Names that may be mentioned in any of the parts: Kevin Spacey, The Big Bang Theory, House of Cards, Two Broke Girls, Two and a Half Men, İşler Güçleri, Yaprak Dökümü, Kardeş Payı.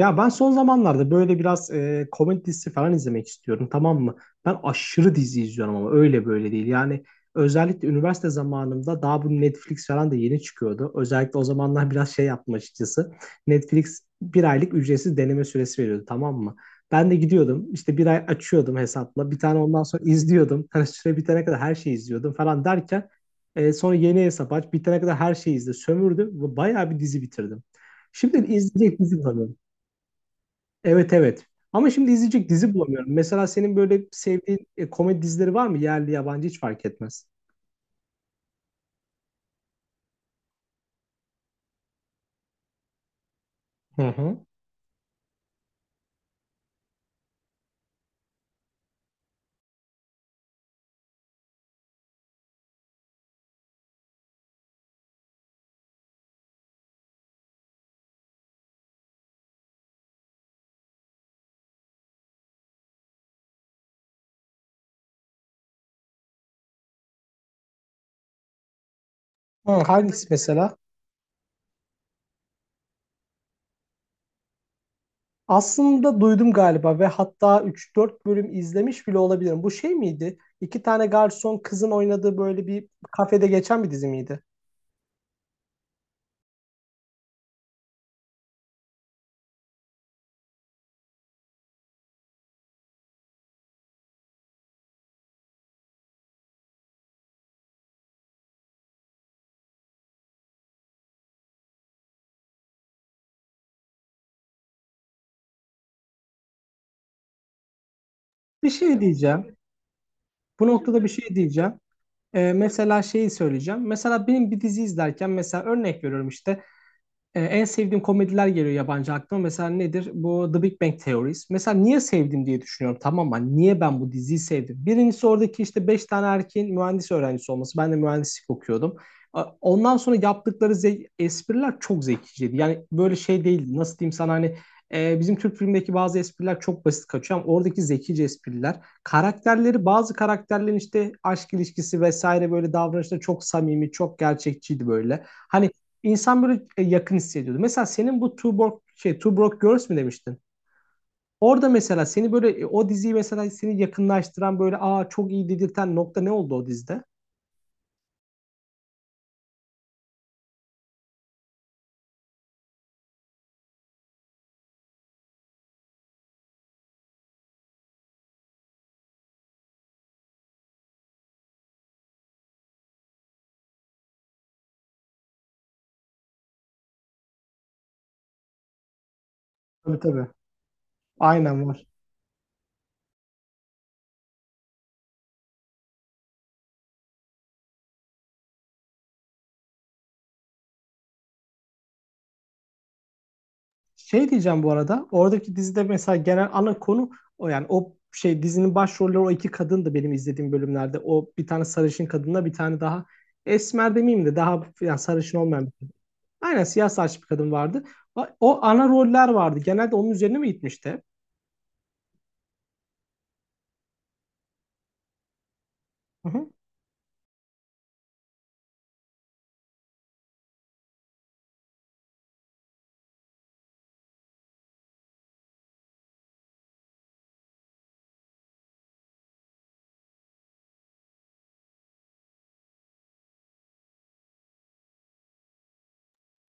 Ya ben son zamanlarda böyle biraz komedi dizisi falan izlemek istiyorum, tamam mı? Ben aşırı dizi izliyorum ama öyle böyle değil. Yani özellikle üniversite zamanımda daha bu Netflix falan da yeni çıkıyordu. Özellikle o zamanlar biraz şey yaptım açıkçası. Netflix bir aylık ücretsiz deneme süresi veriyordu, tamam mı? Ben de gidiyordum işte bir ay açıyordum hesapla bir tane ondan sonra izliyordum. Hani süre bitene kadar her şeyi izliyordum falan derken sonra yeni hesap aç bitene kadar her şeyi izle sömürdüm ve bayağı bir dizi bitirdim. Şimdi izleyecek dizi var. Evet, evet. Ama şimdi izleyecek dizi bulamıyorum. Mesela senin böyle sevdiğin komedi dizileri var mı? Yerli yabancı hiç fark etmez. Hı hı. Hı, hangisi mesela? Aslında duydum galiba ve hatta üç dört bölüm izlemiş bile olabilirim. Bu şey miydi? İki tane garson kızın oynadığı böyle bir kafede geçen bir dizi miydi? Bir şey diyeceğim. Bu noktada bir şey diyeceğim. Mesela şeyi söyleyeceğim. Mesela benim bir dizi izlerken mesela örnek veriyorum işte. En sevdiğim komediler geliyor yabancı aklıma. Mesela nedir? Bu The Big Bang Theories. Mesela niye sevdim diye düşünüyorum. Tamam mı? Hani niye ben bu diziyi sevdim? Birincisi oradaki işte 5 tane erkeğin mühendis öğrencisi olması. Ben de mühendislik okuyordum. Ondan sonra yaptıkları espriler çok zekiciydi. Yani böyle şey değildi. Nasıl diyeyim sana, hani bizim Türk filmindeki bazı espriler çok basit kaçıyor ama oradaki zekice espriler. Karakterleri, bazı karakterlerin işte aşk ilişkisi vesaire, böyle davranışları çok samimi, çok gerçekçiydi böyle. Hani insan böyle yakın hissediyordu. Mesela senin bu Two Broke, şey, Two Broke Girls mi demiştin? Orada mesela seni böyle o diziyi mesela seni yakınlaştıran böyle aa çok iyi dedirten nokta ne oldu o dizide? Tabii, tabii. Aynen, var. Şey diyeceğim bu arada. Oradaki dizide mesela genel ana konu o, yani o şey dizinin başrolleri o iki kadın da benim izlediğim bölümlerde. O bir tane sarışın kadınla bir tane daha esmer demeyeyim de daha yani sarışın olmayan bir kadın. Aynen, siyah saçlı bir kadın vardı. O, o ana roller vardı. Genelde onun üzerine mi gitmişti? Hı hı.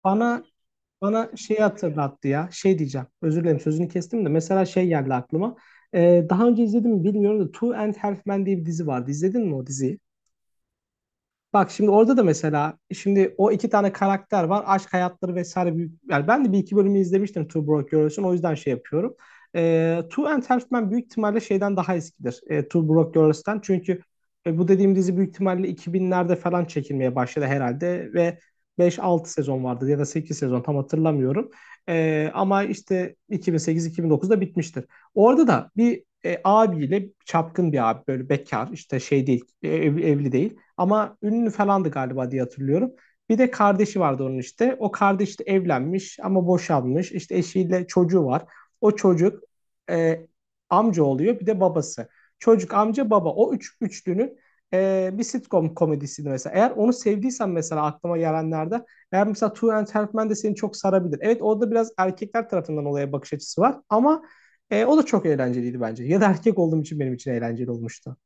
Bana bana şey hatırlattı ya. Şey diyeceğim. Özür dilerim, sözünü kestim de. Mesela şey geldi aklıma. Daha önce izledim mi bilmiyorum da Two and Half Men diye bir dizi vardı. İzledin mi o diziyi? Bak şimdi orada da mesela şimdi o iki tane karakter var. Aşk hayatları vesaire büyük. Yani ben de bir iki bölümü izlemiştim Two Broke Girls'ün. O yüzden şey yapıyorum. E, Two and Half Men büyük ihtimalle şeyden daha eskidir. E, Two Broke Girls'ten. Çünkü bu dediğim dizi büyük ihtimalle 2000'lerde falan çekilmeye başladı herhalde. Ve 5-6 sezon vardı ya da 8 sezon tam hatırlamıyorum. E, ama işte 2008-2009'da bitmiştir. Orada da bir abiyle çapkın bir abi böyle bekar işte şey değil evli değil ama ünlü falandı galiba diye hatırlıyorum. Bir de kardeşi vardı onun işte. O kardeş de evlenmiş ama boşanmış. İşte eşiyle çocuğu var. O çocuk e, amca oluyor bir de babası. Çocuk amca baba o üç üçlünün bir sitcom komedisiydi mesela. Eğer onu sevdiysen mesela aklıma gelenlerde eğer mesela Two and a Half Men de seni çok sarabilir. Evet orada biraz erkekler tarafından olaya bakış açısı var ama o da çok eğlenceliydi bence. Ya da erkek olduğum için benim için eğlenceli olmuştu.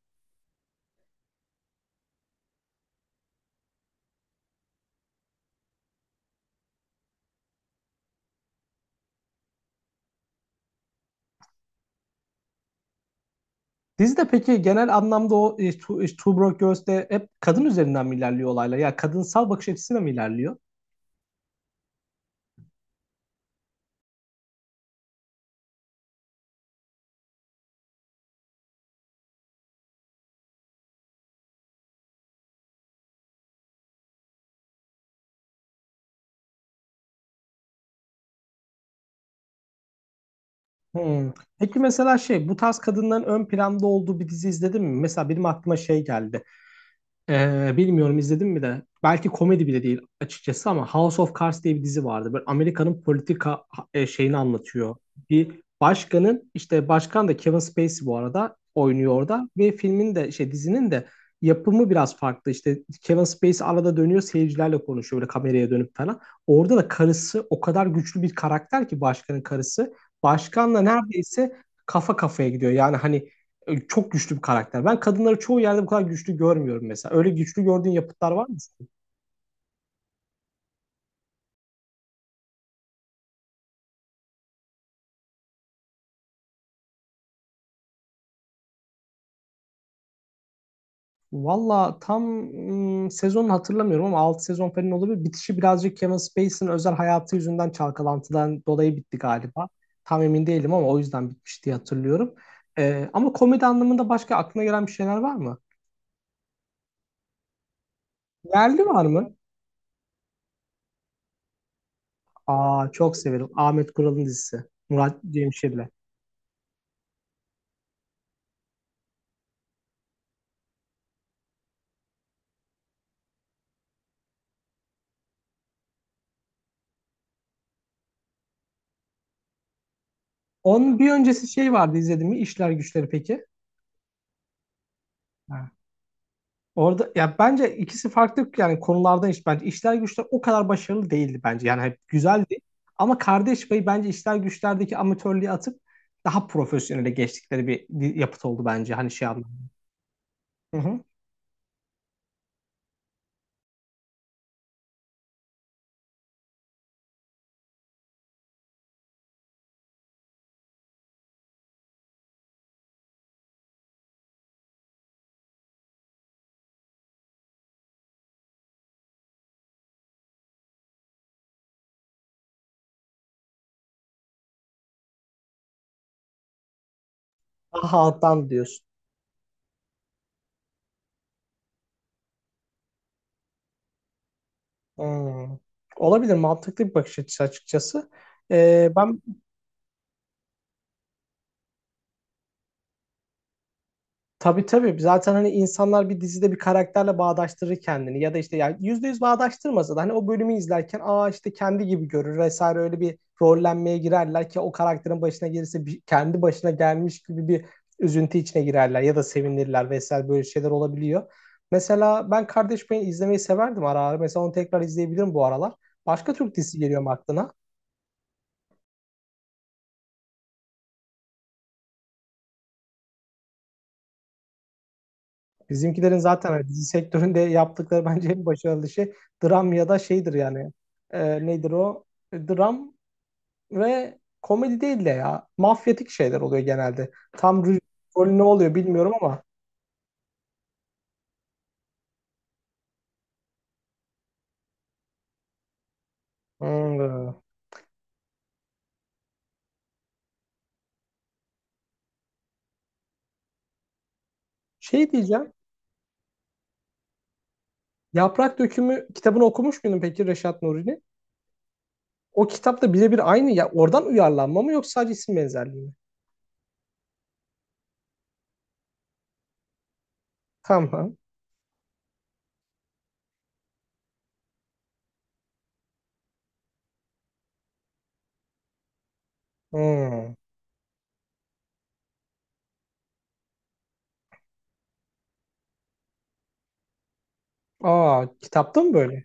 Dizide peki genel anlamda o Two Broke Girls'te hep kadın üzerinden mi ilerliyor olaylar? Ya kadınsal bakış açısıyla mı ilerliyor? Hmm. Peki mesela şey, bu tarz kadınların ön planda olduğu bir dizi izledin mi? Mesela benim aklıma şey geldi. Bilmiyorum izledim mi de. Belki komedi bile değil açıkçası ama House of Cards diye bir dizi vardı. Böyle Amerika'nın politika şeyini anlatıyor. Bir başkanın, işte başkan da Kevin Spacey bu arada oynuyor orada ve filmin de şey dizinin de yapımı biraz farklı. İşte Kevin Spacey arada dönüyor seyircilerle konuşuyor böyle kameraya dönüp falan. Orada da karısı o kadar güçlü bir karakter ki, başkanın karısı. Başkanla neredeyse kafa kafaya gidiyor. Yani hani çok güçlü bir karakter. Ben kadınları çoğu yerde bu kadar güçlü görmüyorum mesela. Öyle güçlü gördüğün yapıtlar var mı? Valla tam sezonunu hatırlamıyorum ama 6 sezon falan olabilir. Bitişi birazcık Kevin Spacey'nin özel hayatı yüzünden çalkalantıdan dolayı bitti galiba. Tam emin değilim ama o yüzden bitmiş diye hatırlıyorum. E, ama komedi anlamında başka aklına gelen bir şeyler var mı? Yerli var mı? Aa, çok severim. Ahmet Kural'ın dizisi. Murat Cemşir'le. Onun bir öncesi şey vardı, izledim mi? İşler Güçleri peki? Ha. Orada ya bence ikisi farklı yani konulardan, iş bence işler güçler o kadar başarılı değildi bence. Yani hep güzeldi ama Kardeş Payı bence işler güçlerdeki amatörlüğü atıp daha profesyonele geçtikleri bir yapıt oldu bence hani şey anlamda. Hı hı. Daha alttan diyorsun. Hmm. Olabilir, mantıklı bir bakış açısı açıkçası. Ben Tabii, tabii. Zaten hani insanlar bir dizide bir karakterle bağdaştırır kendini ya da işte yani %100 bağdaştırmasa da hani o bölümü izlerken aa işte kendi gibi görür vesaire, öyle bir rollenmeye girerler ki, o karakterin başına gelirse kendi başına gelmiş gibi bir üzüntü içine girerler ya da sevinirler vesaire, böyle şeyler olabiliyor. Mesela ben Kardeş Payı izlemeyi severdim ara ara. Mesela onu tekrar izleyebilirim bu aralar. Başka Türk dizisi geliyor mu aklına? Bizimkilerin zaten hani dizi sektöründe yaptıkları bence en başarılı şey dram ya da şeydir yani. Nedir o? Dram ve komedi değil de ya. Mafyatik şeyler oluyor genelde. Tam rüj- rolü ne oluyor bilmiyorum ama. Hmm. Şey diyeceğim. Yaprak Dökümü kitabını okumuş muydun peki, Reşat Nuri'nin? O kitapta birebir aynı ya. Oradan uyarlanma mı yoksa sadece isim benzerliği mi? Tamam. Hmm. Aa, kitapta mı böyle?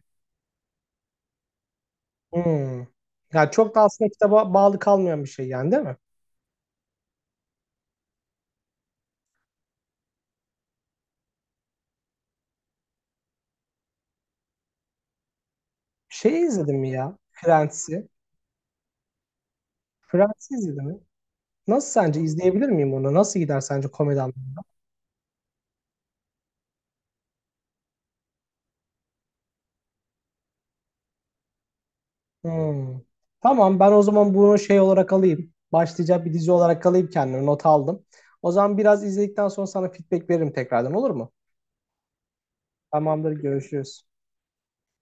Hmm. Ya çok da aslında kitaba bağlı kalmayan bir şey yani, değil mi? Şey izledin mi ya? Friends'i. Friends'i izledin mi? Nasıl, sence izleyebilir miyim onu? Nasıl gider sence komedi anlamında? Hmm. Tamam, ben o zaman bunu şey olarak alayım. Başlayacak bir dizi olarak alayım kendime. Not aldım. O zaman biraz izledikten sonra sana feedback veririm tekrardan, olur mu? Tamamdır, görüşürüz.